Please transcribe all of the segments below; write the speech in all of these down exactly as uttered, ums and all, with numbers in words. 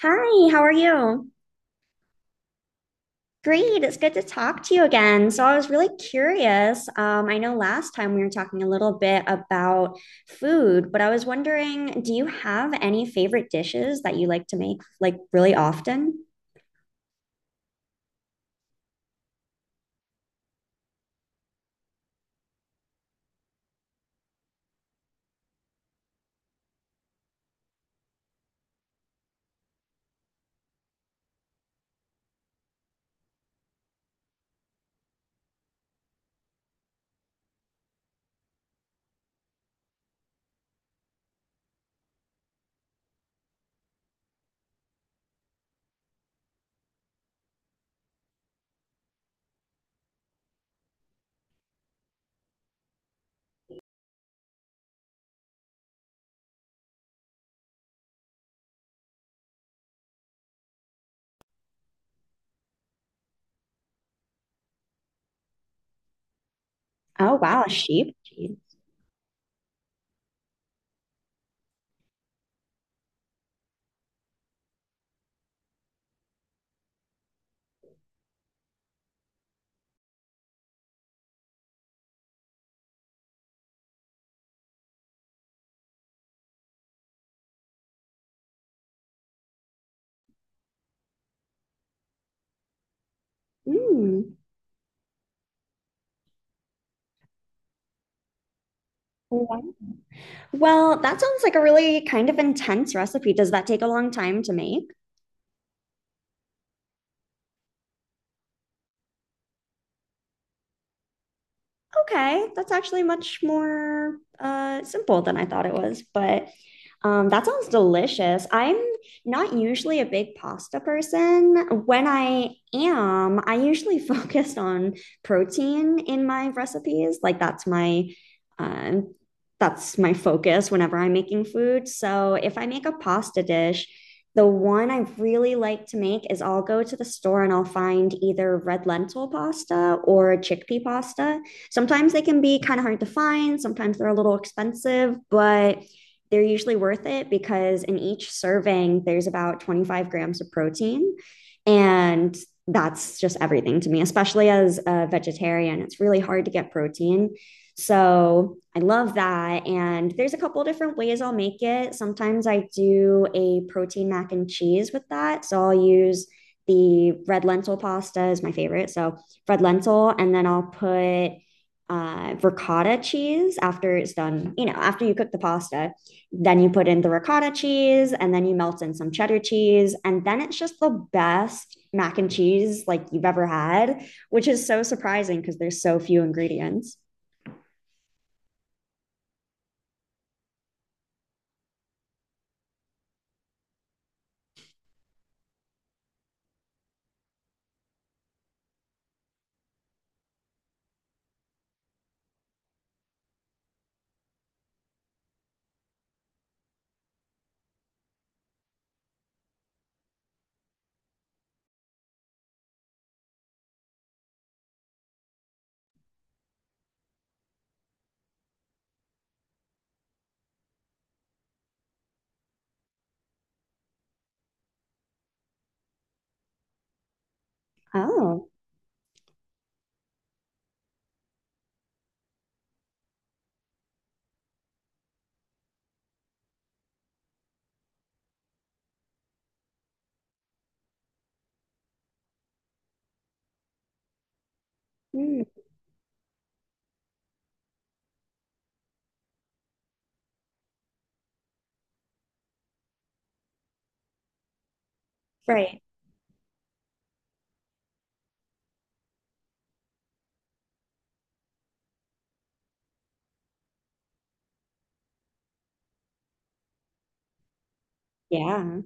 Hi, how are you? Great, it's good to talk to you again. So, I was really curious. Um, I know last time we were talking a little bit about food, but I was wondering, do you have any favorite dishes that you like to make like really often? Oh, wow, a sheep. Mm. Wow. Well, that sounds like a really kind of intense recipe. Does that take a long time to make? Okay, that's actually much more uh, simple than I thought it was. But um, that sounds delicious. I'm not usually a big pasta person. When I am, I usually focus on protein in my recipes. Like that's my uh, that's my focus whenever I'm making food. So if I make a pasta dish, the one I really like to make is I'll go to the store and I'll find either red lentil pasta or chickpea pasta. Sometimes they can be kind of hard to find, sometimes they're a little expensive, but they're usually worth it because in each serving, there's about twenty-five grams of protein. And that's just everything to me, especially as a vegetarian. It's really hard to get protein. So I love that. And there's a couple of different ways I'll make it. Sometimes I do a protein mac and cheese with that. So I'll use the red lentil pasta is my favorite. So red lentil, and then I'll put uh, ricotta cheese after it's done. You know, after you cook the pasta, then you put in the ricotta cheese and then you melt in some cheddar cheese. And then it's just the best mac and cheese like you've ever had, which is so surprising because there's so few ingredients. Oh, mm, right. Yeah.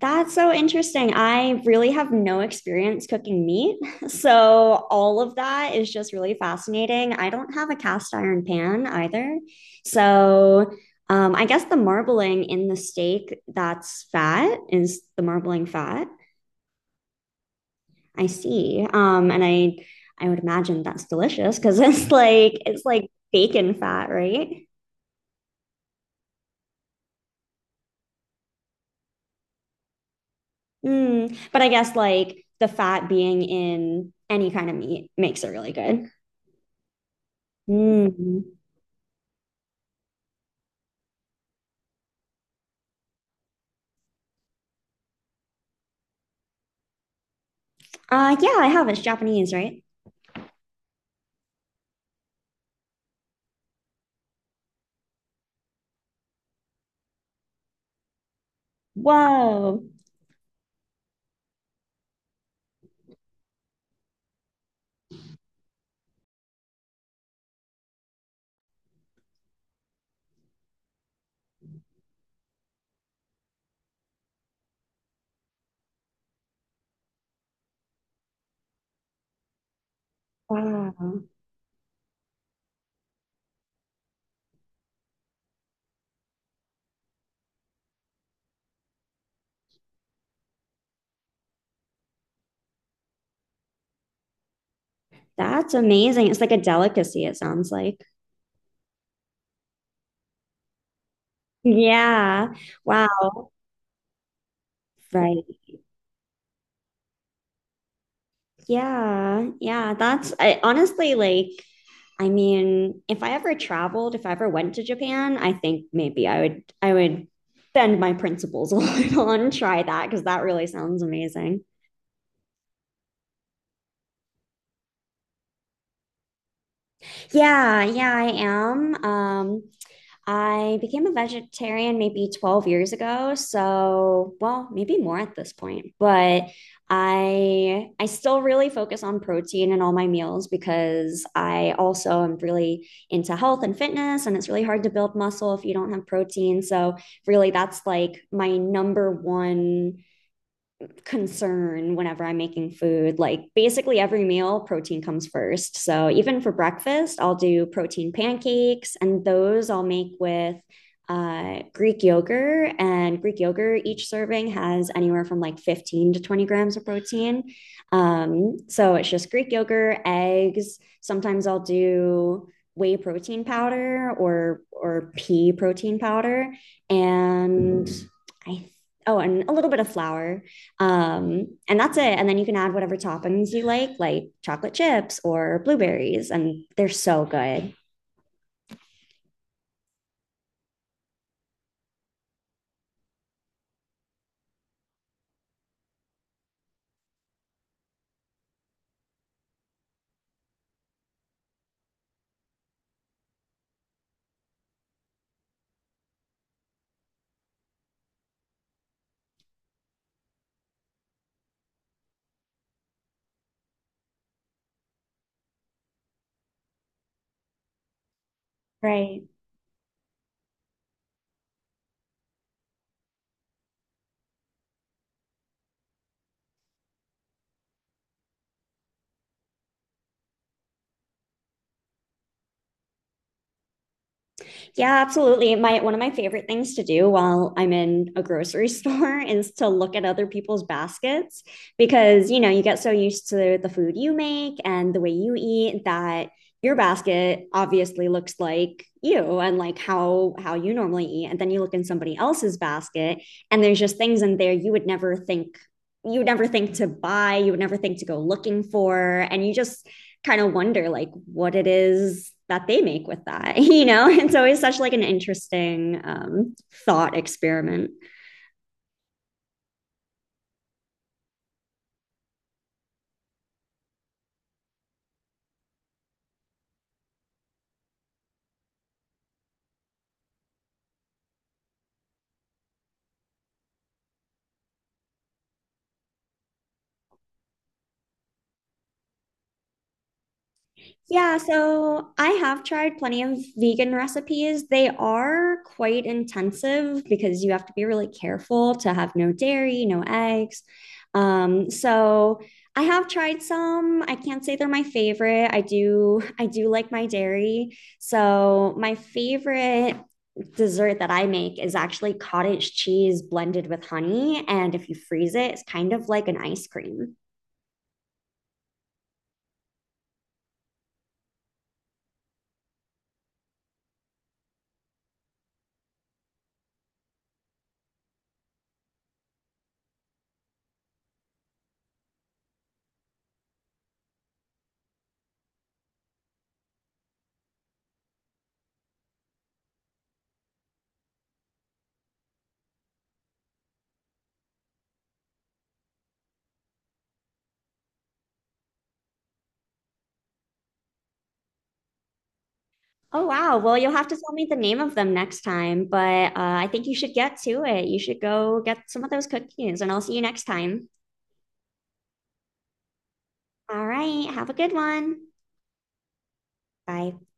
That's so interesting. I really have no experience cooking meat. So, all of that is just really fascinating. I don't have a cast iron pan either. So, um, I guess the marbling in the steak, that's fat, is the marbling fat. I see. Um, and I I would imagine that's delicious because it's like it's like bacon fat, right? Mm. But I guess like the fat being in any kind of meat makes it really good. Mm. Uh, yeah, I have. It's Japanese, right? Whoa. Wow. That's amazing. It's like a delicacy, it sounds like. Yeah. Wow. Right. Yeah. Yeah. That's, I, honestly, like, I mean, if I ever traveled, if I ever went to Japan, I think maybe I would, I would bend my principles a little and try that because that really sounds amazing. Yeah. Yeah, I am. Um, I became a vegetarian maybe twelve years ago, so well, maybe more at this point. But I I still really focus on protein in all my meals because I also am really into health and fitness and it's really hard to build muscle if you don't have protein. So really that's like my number one concern whenever I'm making food. Like basically every meal, protein comes first. So even for breakfast, I'll do protein pancakes, and those I'll make with uh, Greek yogurt. And Greek yogurt, each serving has anywhere from like fifteen to twenty grams of protein. Um, so it's just Greek yogurt, eggs. Sometimes I'll do whey protein powder or or pea protein powder and I, oh, and a little bit of flour, um, and that's it. And then you can add whatever toppings you like, like chocolate chips or blueberries, and they're so good. Right. Yeah, absolutely. My one of my favorite things to do while I'm in a grocery store is to look at other people's baskets because, you know, you get so used to the food you make and the way you eat that your basket obviously looks like you and like how how you normally eat and then you look in somebody else's basket and there's just things in there you would never think, you would never think to buy, you would never think to go looking for and you just kind of wonder like what it is that they make with that. You know, it's always such like an interesting um, thought experiment. Yeah, so I have tried plenty of vegan recipes. They are quite intensive because you have to be really careful to have no dairy, no eggs. Um, so I have tried some. I can't say they're my favorite. I do I do like my dairy. So my favorite dessert that I make is actually cottage cheese blended with honey, and if you freeze it, it's kind of like an ice cream. Oh, wow. Well, you'll have to tell me the name of them next time, but uh, I think you should get to it. You should go get some of those cookies, and I'll see you next time. All right. Have a good one. Bye.